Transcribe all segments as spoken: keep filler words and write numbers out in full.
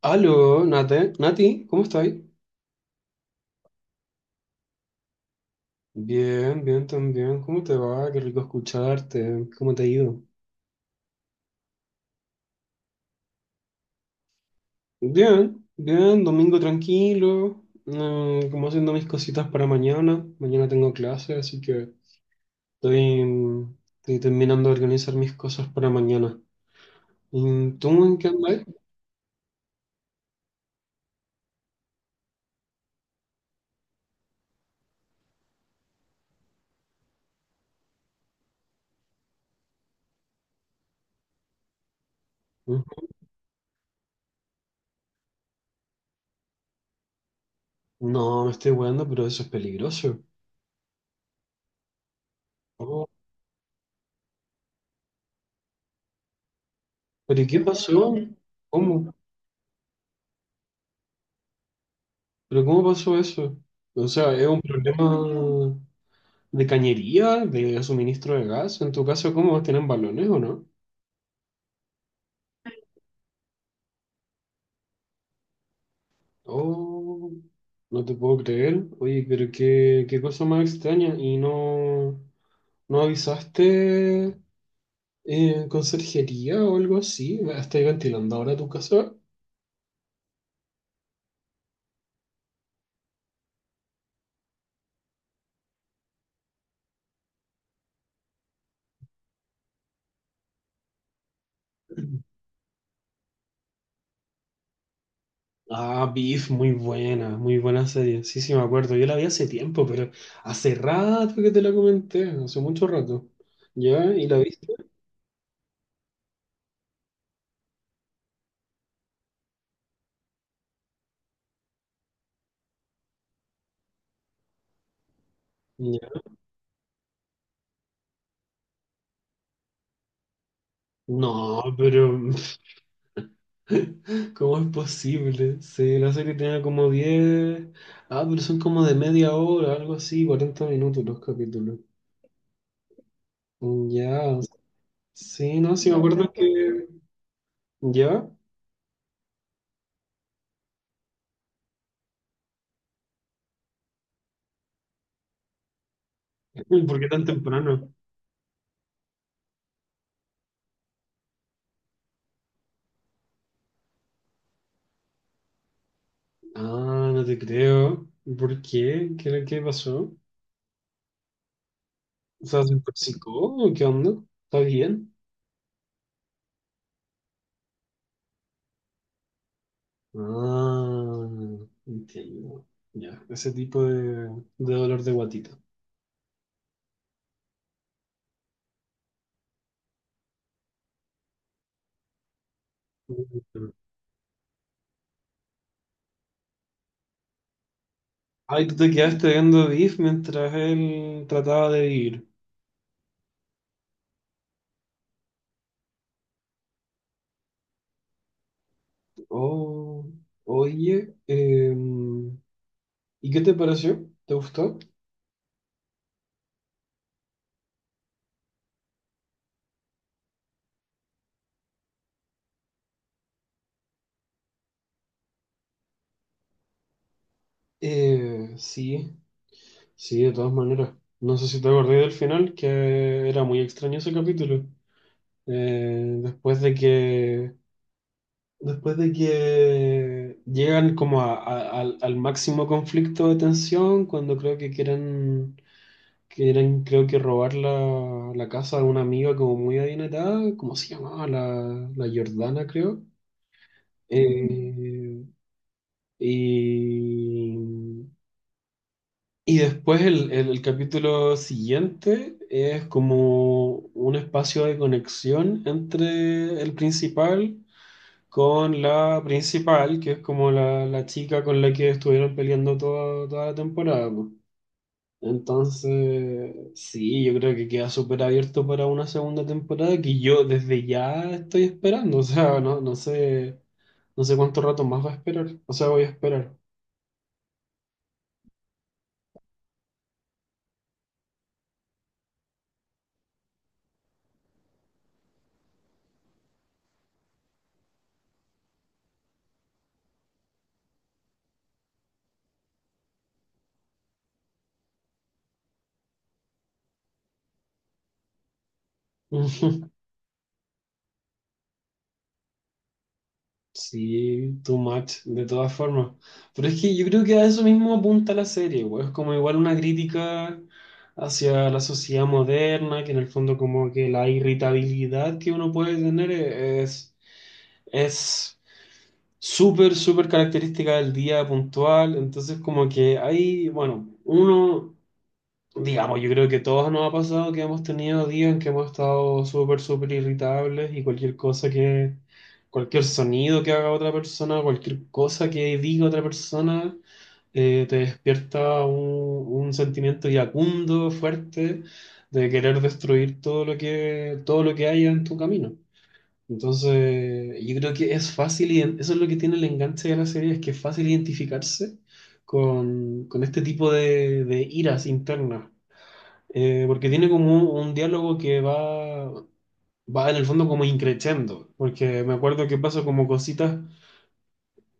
Aló, Nate, Nati, ¿cómo estás? Bien, bien también. ¿Cómo te va? Qué rico escucharte. ¿Cómo te ha ido? Bien, bien, domingo tranquilo. Eh, como haciendo mis cositas para mañana. Mañana tengo clase, así que estoy, mm, estoy terminando de organizar mis cosas para mañana. ¿Y tú en qué andas? Ujú. No, me estoy weando, pero eso es peligroso. Oh, ¿pero y qué pasó? ¿Cómo? ¿Pero cómo pasó eso? O sea, es un problema. ¿De cañería? ¿De suministro de gas? ¿En tu caso cómo tienen balones o no? Oh, no te puedo creer. Oye, pero qué, qué cosa más extraña. ¿Y no, no avisaste eh, conserjería o algo así? ¿Estáis ventilando ahora tu casa? Ah, Beef, muy buena, muy buena serie. Sí, sí, me acuerdo. Yo la vi hace tiempo, pero hace rato que te la comenté, hace mucho rato. ¿Ya? ¿Y la viste? Ya. No, pero ¿cómo es posible? Sí, la serie tenía como diez. Ah, pero son como de media hora, algo así, cuarenta minutos los capítulos. Mm, ya. Sí, no, sí me No, no acuerdo que... ¿Ya? ¿Por qué tan temprano? Ah, no te creo. ¿Por qué? ¿Qué, era- qué pasó? O sea, ¿se intoxicó? O ¿qué onda? ¿Está bien? Ah, entiendo. Ya, ese tipo de, de dolor de guatita. Ay, tú te quedaste viendo Beef mientras él trataba de vivir. Oh, oye, em, ¿y qué te pareció? ¿Te gustó? Eh, sí, sí, de todas maneras. No sé si te acordé del final, que era muy extraño ese capítulo. Eh, después de que, después de que llegan como a- a- al, al, máximo conflicto de tensión, cuando creo que quieren que eran, creo que robar la, la casa de una amiga como muy adinerada, ¿cómo se llamaba? La, la Jordana, creo. Eh, y, y después el, el- el capítulo siguiente es como un espacio de conexión entre el principal con la principal, que es como la, la chica con la que estuvieron peleando toda, toda la temporada. Po. Entonces, sí, yo creo que queda súper abierto para una segunda temporada que yo desde ya estoy esperando. O sea, no, no sé, no sé cuánto rato más va a esperar. O sea, voy a esperar. Sí, too much, de todas formas. Pero es que yo creo que a eso mismo apunta la serie, güey. Es como igual una crítica hacia la sociedad moderna, que en el fondo como que la irritabilidad que uno puede tener es, es súper, súper característica del día puntual. Entonces, como que hay, bueno, uno, digamos, yo creo que todos nos ha pasado que hemos tenido días en que hemos estado súper, súper irritables y cualquier cosa que, cualquier sonido que haga otra persona, cualquier cosa que diga otra persona, eh, te despierta un, un sentimiento iracundo, fuerte, de querer destruir todo lo que, todo lo que haya en tu camino. Entonces, yo creo que es fácil, y eso es lo que tiene el enganche de la serie, es que es fácil identificarse con, con este tipo de, de iras internas. Eh, porque tiene como un, un diálogo que va, va en el fondo como increciendo, porque me acuerdo que pasa como cositas,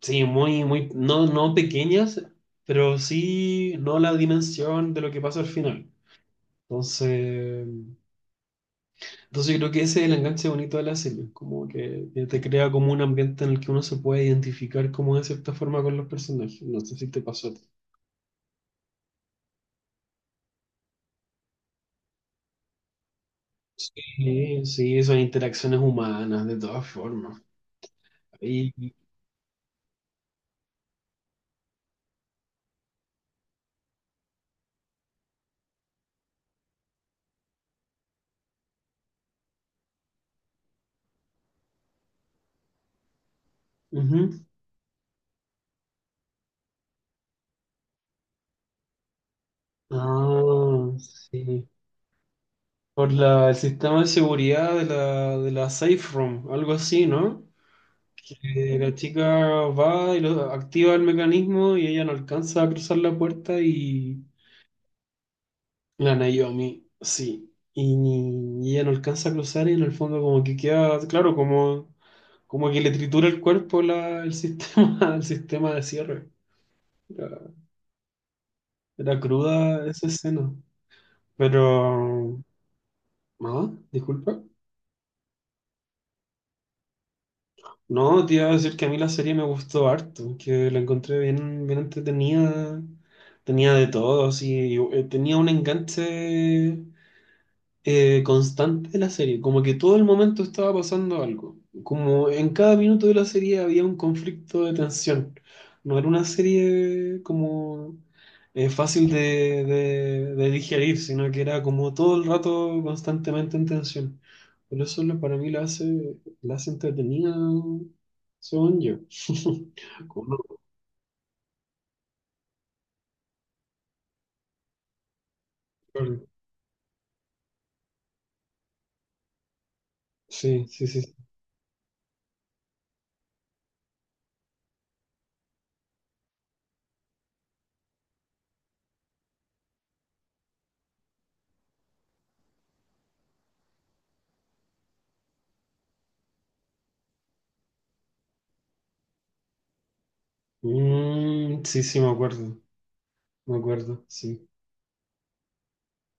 sí, muy, muy, no, no pequeñas, pero sí no la dimensión de lo que pasa al final. Entonces... Entonces yo creo que ese es el enganche bonito de la serie, como que, que te crea como un ambiente en el que uno se puede identificar como de cierta forma con los personajes. No sé si te pasó a ti. Sí, sí, son interacciones humanas, de todas formas. Y, ujú. Ah, sí. Por la, el sistema de seguridad de la, de la Safe Room, algo así, ¿no? Que la chica va y lo- activa el mecanismo y ella no alcanza a cruzar la puerta y la Naomi, sí. Y, ni- y ella no alcanza a cruzar y en el fondo como que queda, claro, como, como que le tritura el cuerpo la, el sistema, el sistema de cierre. Era, era cruda esa escena. Pero, no, disculpa. No, te iba a decir que a mí la serie me gustó harto, que la encontré bien, bien entretenida, tenía de todo, así, y, eh, tenía un enganche eh, constante de la serie, como que todo el momento estaba pasando algo, como en cada minuto de la serie había un conflicto de tensión, no era una serie como eh, fácil de, de- de digerir, sino que era como todo el rato constantemente en tensión. Por eso lo- para mí la hace, la hace entretenida, según yo. Como... Sí, sí, sí. Sí. Mm, sí, sí, me acuerdo, me acuerdo, sí.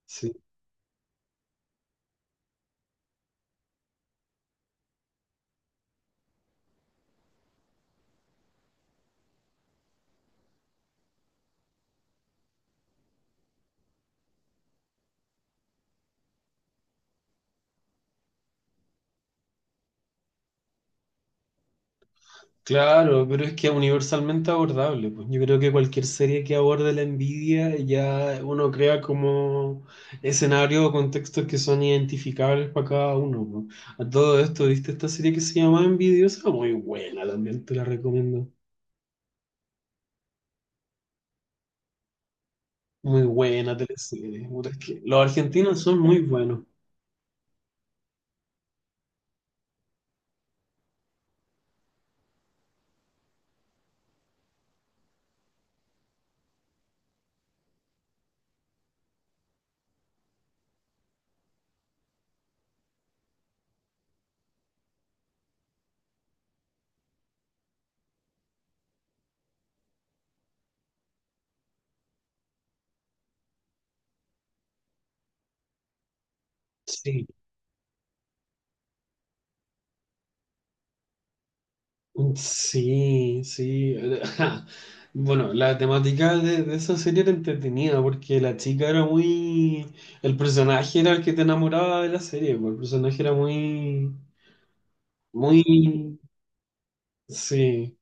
Sí. Claro, pero es que es universalmente abordable, pues. Yo creo que cualquier serie que aborde la envidia ya uno crea como escenarios o contextos que son identificables para cada uno, pues. A todo esto, ¿viste esta serie que se llama Envidiosa? Muy buena, también te la recomiendo. Muy buena teleserie. Puta, es que los argentinos son muy buenos. Sí. Sí, sí. Bueno, la temática de, de esa serie era entretenida porque la chica era muy... El personaje era el que te enamoraba de la serie, pues, el personaje era muy... Muy... Sí,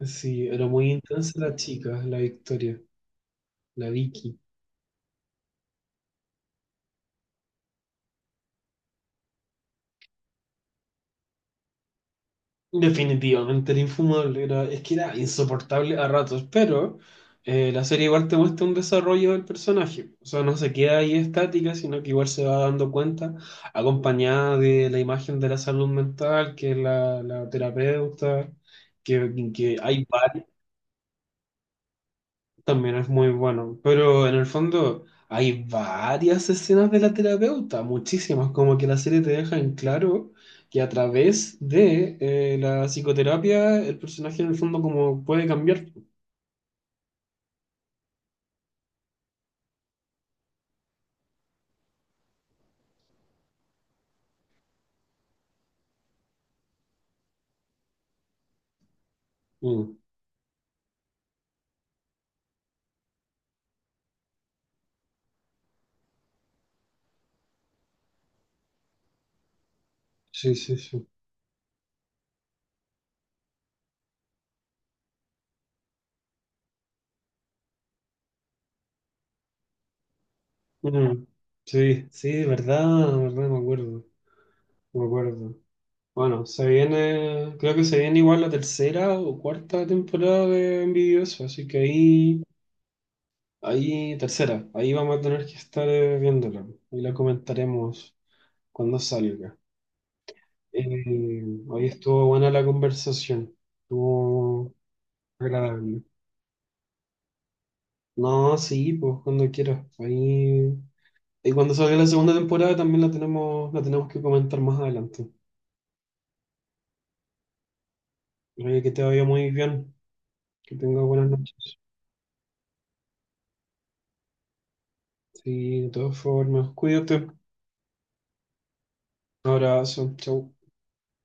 sí, era muy intensa la chica, la Victoria, la Vicky. Definitivamente era infumable, era, es que era insoportable a ratos, pero eh, la serie igual te muestra un desarrollo del personaje, o sea, no se queda ahí estática, sino que igual se va dando cuenta, acompañada de la imagen de la salud mental, que es la, la terapeuta, que, que hay también es muy bueno, pero en el fondo hay varias escenas de la terapeuta, muchísimas, como que la serie te deja en claro que a través de eh, la psicoterapia el personaje en el fondo como puede cambiar. Mm, sí, sí, sí. Mm, sí, sí, verdad, verdad, me acuerdo, me acuerdo. Bueno, se viene, creo que se viene igual la tercera o cuarta temporada de Envidioso, así que ahí ahí, tercera, ahí vamos a tener que estar eh, viéndola y la comentaremos cuando salga. Eh, Hoy estuvo buena la conversación, estuvo agradable. No, sí, pues cuando quieras. Ahí, y cuando salga la segunda temporada también la tenemos, la tenemos que comentar más adelante. Oye, que te vaya muy bien, que tengas buenas noches. Sí, de todas formas, cuídate. Un abrazo, chau.